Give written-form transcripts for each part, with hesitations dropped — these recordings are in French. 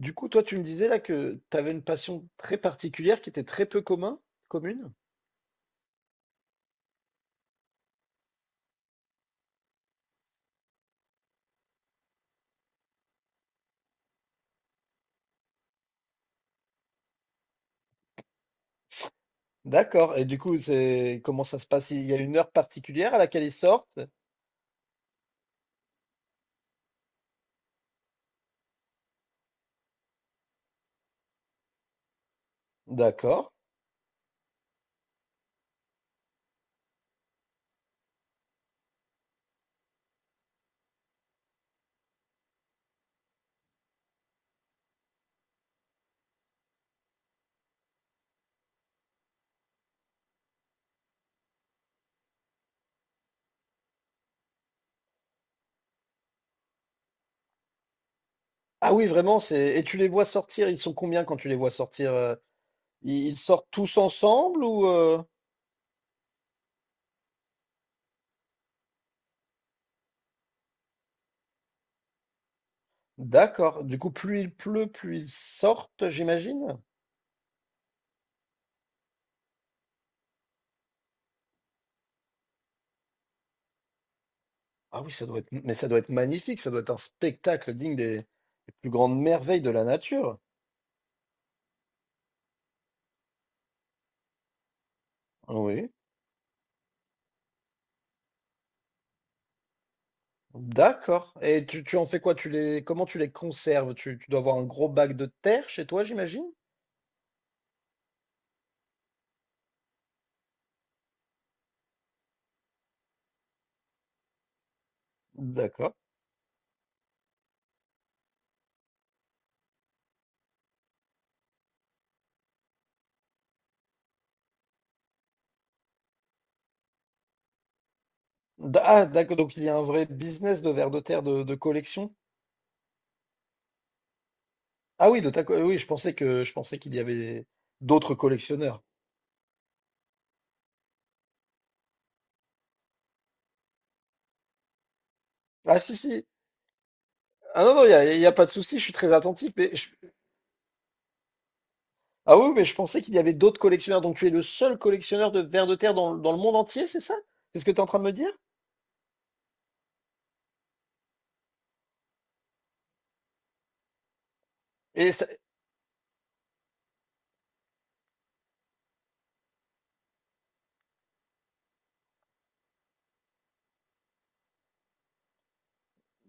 Du coup, toi, tu me disais là que tu avais une passion très particulière qui était très peu commune. D'accord. Et du coup, c'est comment ça se passe? Il y a une heure particulière à laquelle ils sortent? D'accord. Ah oui, vraiment, c'est. Et tu les vois sortir, ils sont combien quand tu les vois sortir? Ils sortent tous ensemble ou? D'accord. Du coup, plus il pleut, plus ils sortent, j'imagine. Ah oui, ça doit être mais ça doit être magnifique, ça doit être un spectacle digne des plus grandes merveilles de la nature. Oui. D'accord. Et tu en fais quoi? Comment tu les conserves? Tu dois avoir un gros bac de terre chez toi, j'imagine? D'accord. D'accord. Donc il y a un vrai business de vers de terre de collection. Ah oui, de ta oui, je pensais qu'il y avait d'autres collectionneurs. Ah si si. Ah non non, il y a pas de souci. Je suis très attentif. Ah oui, mais je pensais qu'il y avait d'autres collectionneurs. Donc tu es le seul collectionneur de vers de terre dans le monde entier, c'est ça? C'est ce que tu es en train de me dire? Et ça-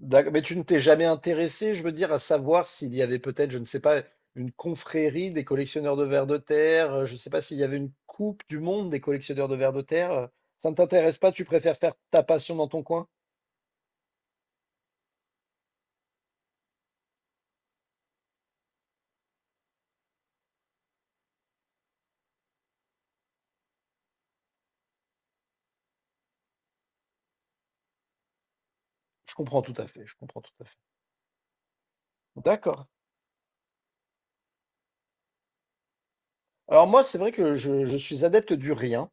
D'accord. Mais tu ne t'es jamais intéressé, je veux dire, à savoir s'il y avait peut-être, je ne sais pas, une confrérie des collectionneurs de vers de terre, je ne sais pas s'il y avait une coupe du monde des collectionneurs de vers de terre. Ça ne t'intéresse pas, tu préfères faire ta passion dans ton coin? Je comprends tout à fait, je comprends tout à fait. D'accord. Alors moi, c'est vrai que je suis adepte du rien,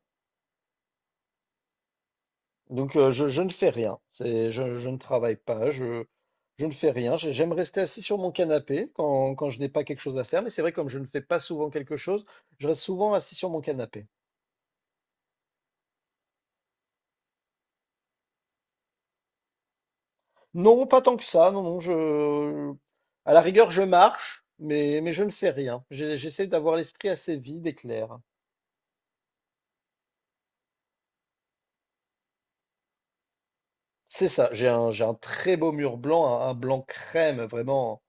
donc je ne fais rien. C'est, je ne travaille pas, je ne fais rien. J'aime rester assis sur mon canapé quand je n'ai pas quelque chose à faire, mais c'est vrai, comme je ne fais pas souvent quelque chose, je reste souvent assis sur mon canapé. Non, pas tant que ça. Non, non. À la rigueur, je marche, mais je ne fais rien. J'essaie d'avoir l'esprit assez vide et clair. C'est ça. J'ai un très beau mur blanc, un blanc crème,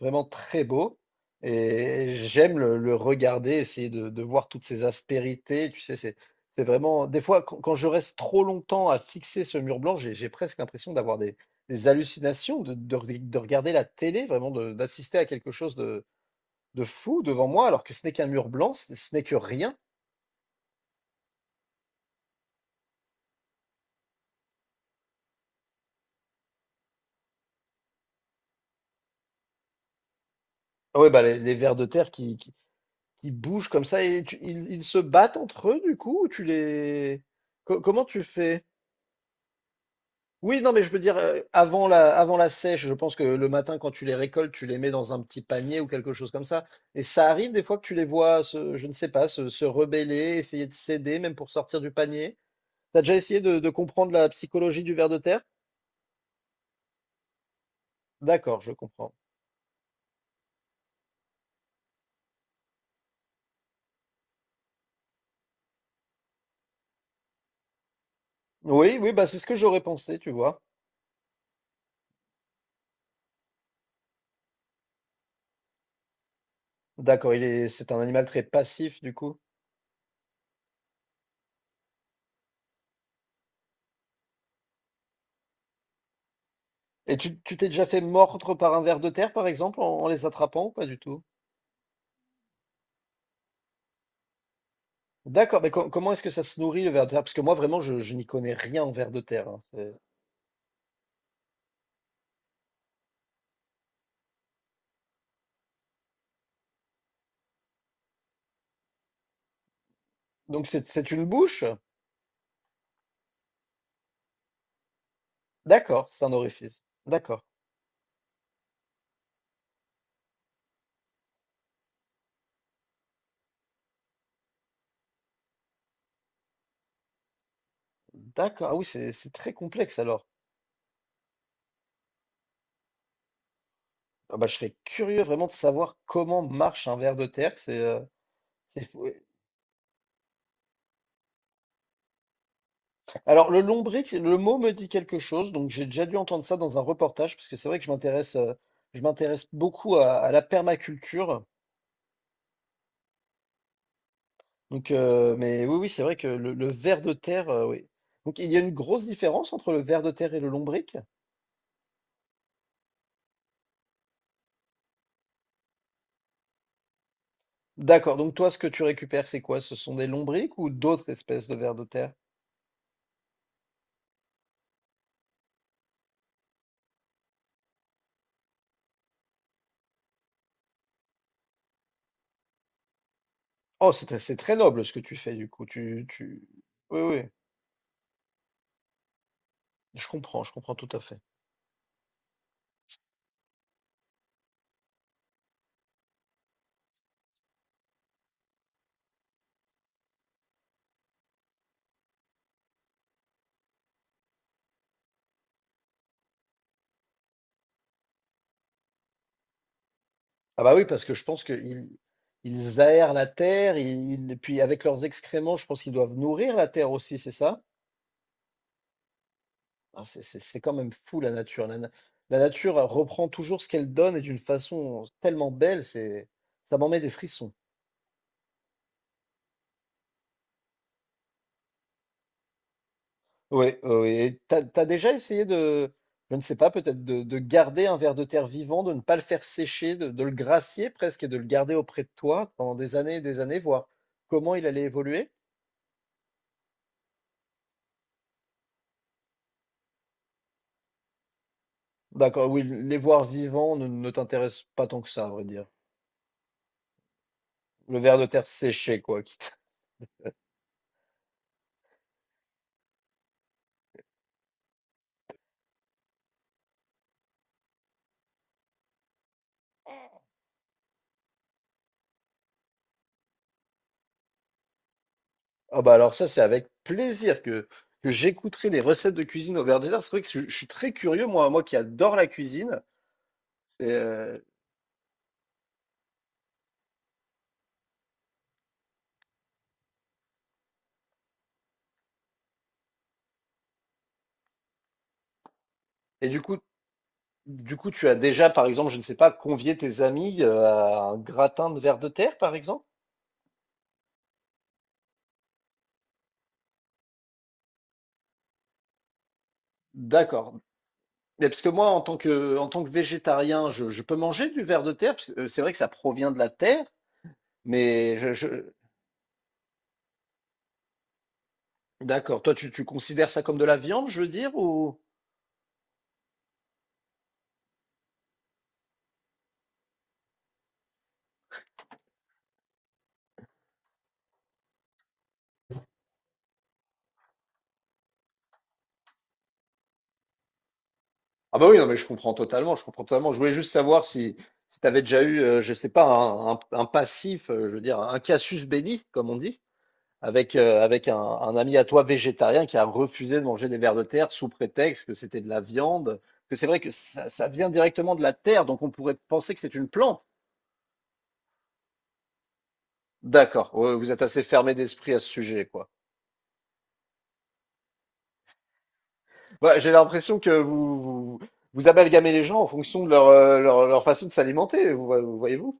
vraiment très beau. Et j'aime le regarder, essayer de voir toutes ces aspérités. Tu sais, c'est vraiment. Des fois, quand je reste trop longtemps à fixer ce mur blanc, j'ai presque l'impression d'avoir des hallucinations, de regarder la télé, vraiment, d'assister à quelque chose de fou devant moi, alors que ce n'est qu'un mur blanc, ce n'est que rien. Ah ouais, bah les vers de terre qui bougent comme ça et ils se battent entre eux du coup, ou tu les... comment tu fais? Oui, non, mais je veux dire, avant avant la sèche, je pense que le matin, quand tu les récoltes, tu les mets dans un petit panier ou quelque chose comme ça. Et ça arrive des fois que tu les vois, je ne sais pas, se rebeller, essayer de céder, même pour sortir du panier. T'as déjà essayé de comprendre la psychologie du ver de terre? D'accord, je comprends. Oui, oui, bah c'est ce que j'aurais pensé, tu vois. D'accord, c'est un animal très passif du coup. Et tu t'es déjà fait mordre par un ver de terre, par exemple, en les attrapant ou pas du tout? D'accord, mais comment est-ce que ça se nourrit le ver de terre? Parce que moi vraiment, je n'y connais rien en ver de terre, hein. Donc c'est une bouche? D'accord, c'est un orifice. D'accord, d'accord. Ah oui, c'est très complexe alors. Ah bah, je serais curieux vraiment de savoir comment marche un ver de terre. C'est. Alors, le lombric, le mot me dit quelque chose, donc j'ai déjà dû entendre ça dans un reportage, parce que c'est vrai que je je m'intéresse beaucoup à la permaculture. Donc, mais oui, oui, c'est vrai que le ver de terre, oui. Donc, il y a une grosse différence entre le ver de terre et le lombric? D'accord. Donc, toi, ce que tu récupères, c'est quoi? Ce sont des lombrics ou d'autres espèces de vers de terre? Oh, c'est très noble ce que tu fais, du coup. Tu... Oui, oui, je comprends tout à fait. Ah bah oui, parce que je pense qu'ils ils aèrent la terre, et puis avec leurs excréments, je pense qu'ils doivent nourrir la terre aussi, c'est ça? Ah, c'est quand même fou la nature. La nature reprend toujours ce qu'elle donne et d'une façon tellement belle, c'est ça m'en met des frissons. Oui, oui. Et t'as déjà essayé de, je ne sais pas, peut-être de garder un ver de terre vivant, de ne pas le faire sécher, de le gracier presque et de le garder auprès de toi pendant des années et des années, voir comment il allait évoluer? D'accord, oui, les voir vivants ne t'intéressent pas tant que ça, à vrai dire. Le ver de terre séché, quoi, quitte. Ah bah alors ça, c'est avec plaisir que j'écouterai des recettes de cuisine au ver de terre. C'est vrai que je suis très curieux, moi, moi qui adore la cuisine. Et, euh, et du coup, tu as déjà, par exemple, je ne sais pas, convié tes amis à un gratin de ver de terre, par exemple? D'accord. Mais parce que moi, en tant que végétarien, je peux manger du ver de terre, parce que c'est vrai que ça provient de la terre, mais... D'accord. Toi, tu considères ça comme de la viande, je veux dire, ou... Ah bah oui, non mais je comprends totalement, je comprends totalement. Je voulais juste savoir si tu avais déjà eu, je sais pas, un passif, je veux dire, un casus belli, comme on dit, avec, avec un ami à toi végétarien qui a refusé de manger des vers de terre sous prétexte que c'était de la viande, que c'est vrai que ça vient directement de la terre, donc on pourrait penser que c'est une plante. D'accord, ouais, vous êtes assez fermé d'esprit à ce sujet, quoi. Bah, j'ai l'impression que vous amalgamez les gens en fonction de leur, leur façon de s'alimenter, vous voyez-vous?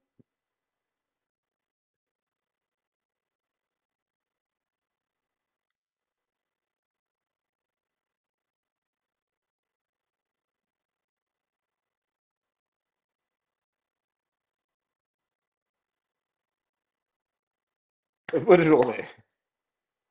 Bonne journée.